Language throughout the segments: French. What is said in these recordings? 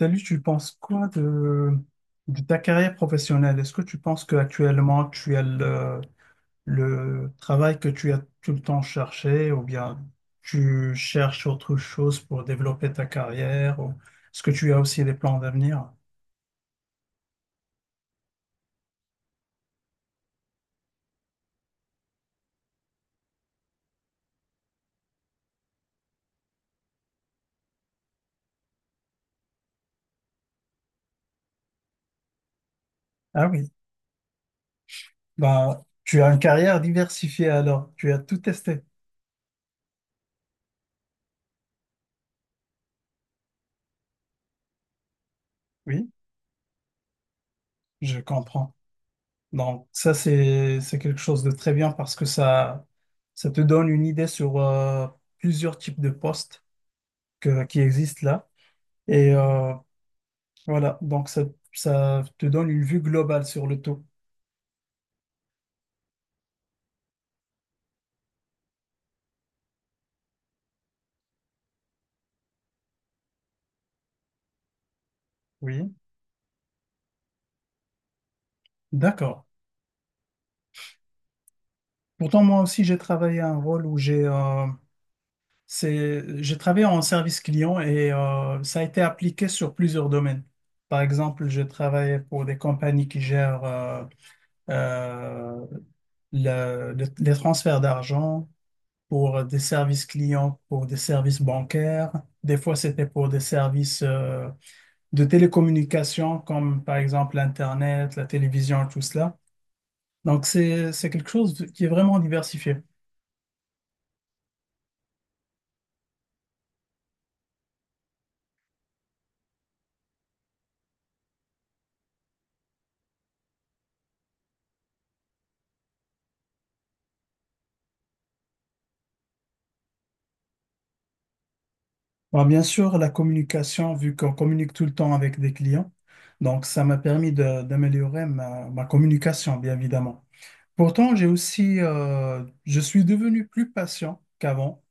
Salut, tu penses quoi de ta carrière professionnelle? Est-ce que tu penses qu'actuellement tu as le travail que tu as tout le temps cherché ou bien tu cherches autre chose pour développer ta carrière ou est-ce que tu as aussi des plans d'avenir? Ah oui, bah, tu as une carrière diversifiée alors, tu as tout testé. Oui, je comprends. Donc ça, c'est quelque chose de très bien parce que ça te donne une idée sur plusieurs types de postes qui existent là. Et euh, voilà, donc ça te donne une vue globale sur le tout. Oui, d'accord. Pourtant, moi aussi, j'ai travaillé un rôle où j'ai travaillé en service client et ça a été appliqué sur plusieurs domaines. Par exemple, j'ai travaillé pour des compagnies qui gèrent euh, les transferts d'argent pour des services clients, pour des services bancaires. Des fois, c'était pour des services de télécommunication, comme par exemple l'Internet, la télévision, tout cela. Donc, c'est quelque chose qui est vraiment diversifié. Bon, bien sûr, la communication, vu qu'on communique tout le temps avec des clients, donc ça m'a permis d'améliorer ma communication, bien évidemment. Pourtant, je suis devenu plus patient qu'avant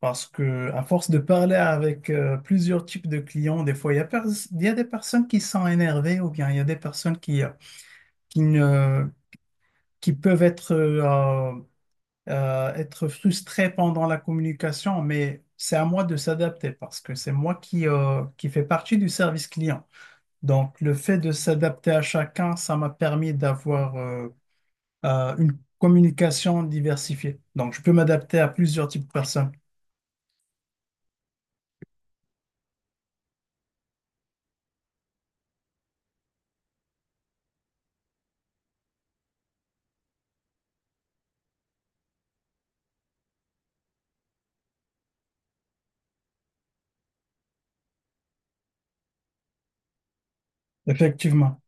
parce que à force de parler avec plusieurs types de clients, des fois, il y a des personnes qui sont énervées ou bien il y a des personnes qui ne, qui peuvent être être frustré pendant la communication, mais c'est à moi de s'adapter parce que c'est moi qui qui fait partie du service client. Donc, le fait de s'adapter à chacun, ça m'a permis d'avoir une communication diversifiée. Donc, je peux m'adapter à plusieurs types de personnes. Effectivement.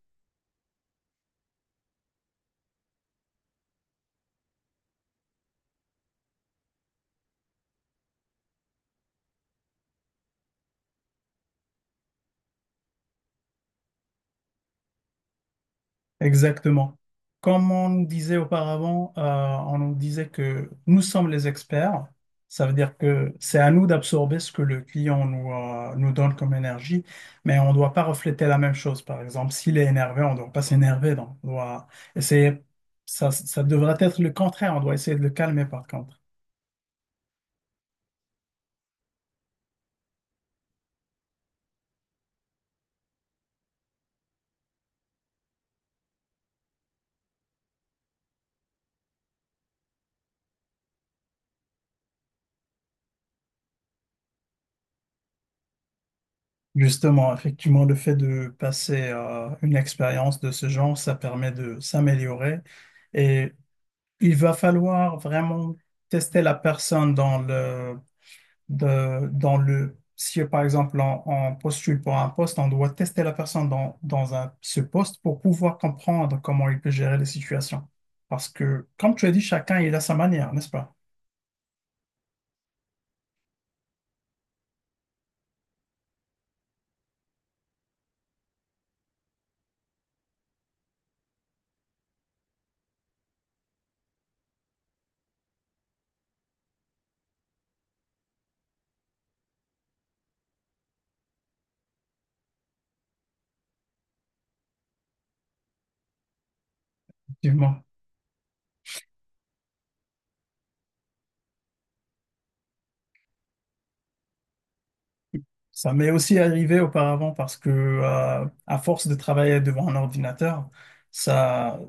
Exactement. Comme on nous disait auparavant, on nous disait que nous sommes les experts. Ça veut dire que c'est à nous d'absorber ce que le client nous donne comme énergie, mais on ne doit pas refléter la même chose. Par exemple, s'il est énervé, on ne doit pas s'énerver. Donc, on doit essayer. Ça devrait être le contraire. On doit essayer de le calmer, par contre. Justement, effectivement, le fait de passer à une expérience de ce genre, ça permet de s'améliorer. Et il va falloir vraiment tester la personne dans le, si par exemple on postule pour un poste, on doit tester la personne dans ce poste pour pouvoir comprendre comment il peut gérer les situations. Parce que, comme tu as dit, chacun il a sa manière, n'est-ce pas? Effectivement. Ça m'est aussi arrivé auparavant parce que, à force de travailler devant un ordinateur, ça,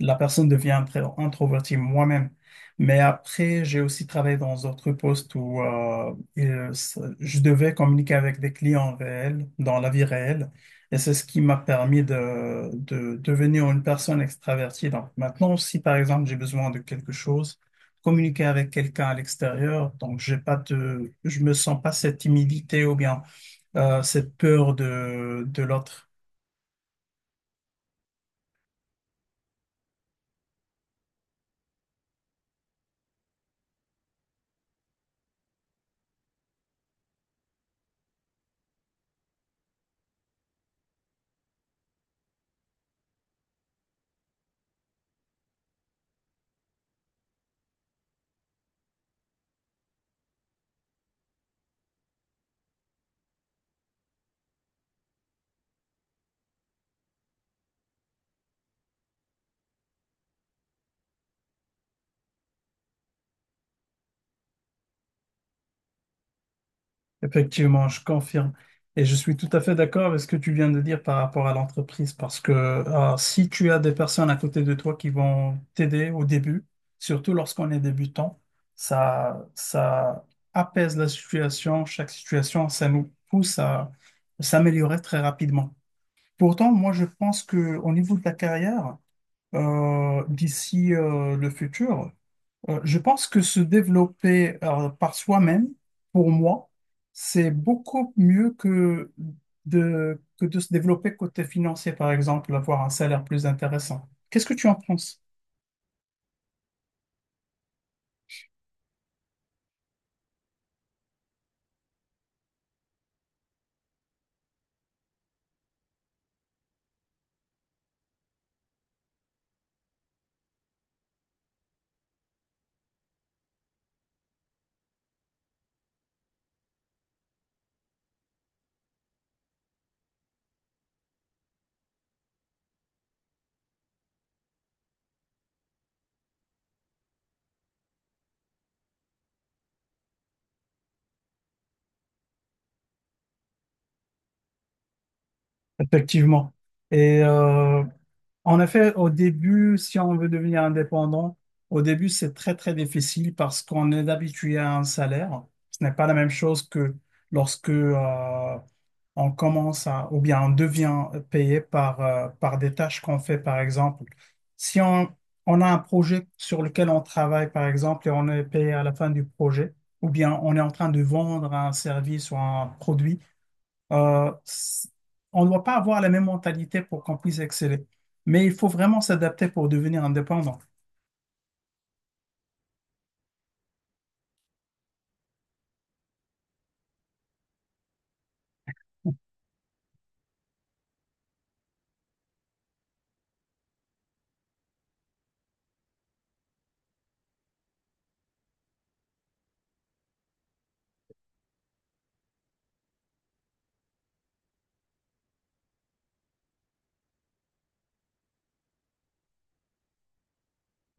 la personne devient introvertie moi-même. Mais après, j'ai aussi travaillé dans d'autres postes où je devais communiquer avec des clients réels, dans la vie réelle. Et c'est ce qui m'a permis de devenir une personne extravertie. Donc maintenant, si par exemple j'ai besoin de quelque chose, communiquer avec quelqu'un à l'extérieur, donc j'ai pas de je me sens pas cette timidité ou bien cette peur de l'autre. Effectivement, je confirme. Et je suis tout à fait d'accord avec ce que tu viens de dire par rapport à l'entreprise, parce que si tu as des personnes à côté de toi qui vont t'aider au début, surtout lorsqu'on est débutant, ça apaise la situation, chaque situation, ça nous pousse à s'améliorer très rapidement. Pourtant, moi, je pense que au niveau de la carrière, d'ici le futur, je pense que se développer par soi-même, pour moi, c'est beaucoup mieux que que de se développer côté financier, par exemple, avoir un salaire plus intéressant. Qu'est-ce que tu en penses? Effectivement. Et euh, en effet, au début, si on veut devenir indépendant, au début, c'est très difficile parce qu'on est habitué à un salaire. Ce n'est pas la même chose que lorsque on commence à, ou bien on devient payé par par des tâches qu'on fait, par exemple. Si on, on a un projet sur lequel on travaille, par exemple, et on est payé à la fin du projet, ou bien on est en train de vendre un service ou un produit, euh, c- on ne doit pas avoir la même mentalité pour qu'on puisse exceller. Mais il faut vraiment s'adapter pour devenir indépendant.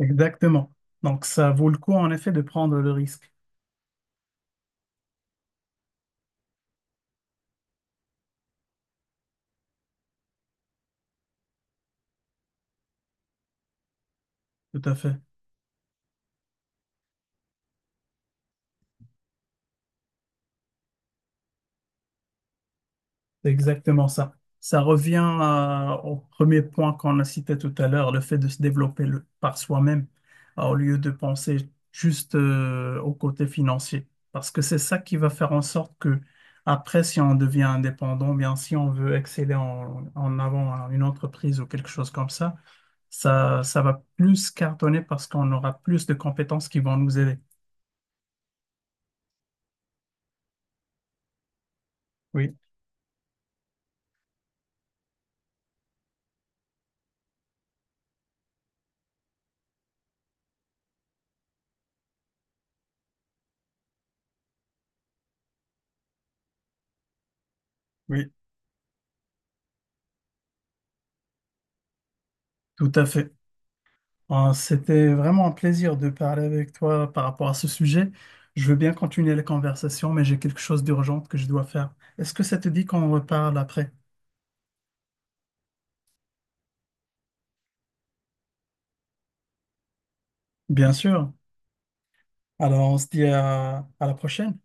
Exactement. Donc, ça vaut le coup, en effet, de prendre le risque. Tout à fait. C'est exactement ça. Ça revient au premier point qu'on a cité tout à l'heure, le fait de se développer par soi-même, au lieu de penser juste au côté financier. Parce que c'est ça qui va faire en sorte que, après, si on devient indépendant, bien si on veut exceller en avant à une entreprise ou quelque chose comme ça, ça va plus cartonner parce qu'on aura plus de compétences qui vont nous aider. Oui, oui, tout à fait. Bon, c'était vraiment un plaisir de parler avec toi par rapport à ce sujet. Je veux bien continuer la conversation, mais j'ai quelque chose d'urgent que je dois faire. Est-ce que ça te dit qu'on reparle après? Bien sûr. Alors, on se dit à la prochaine.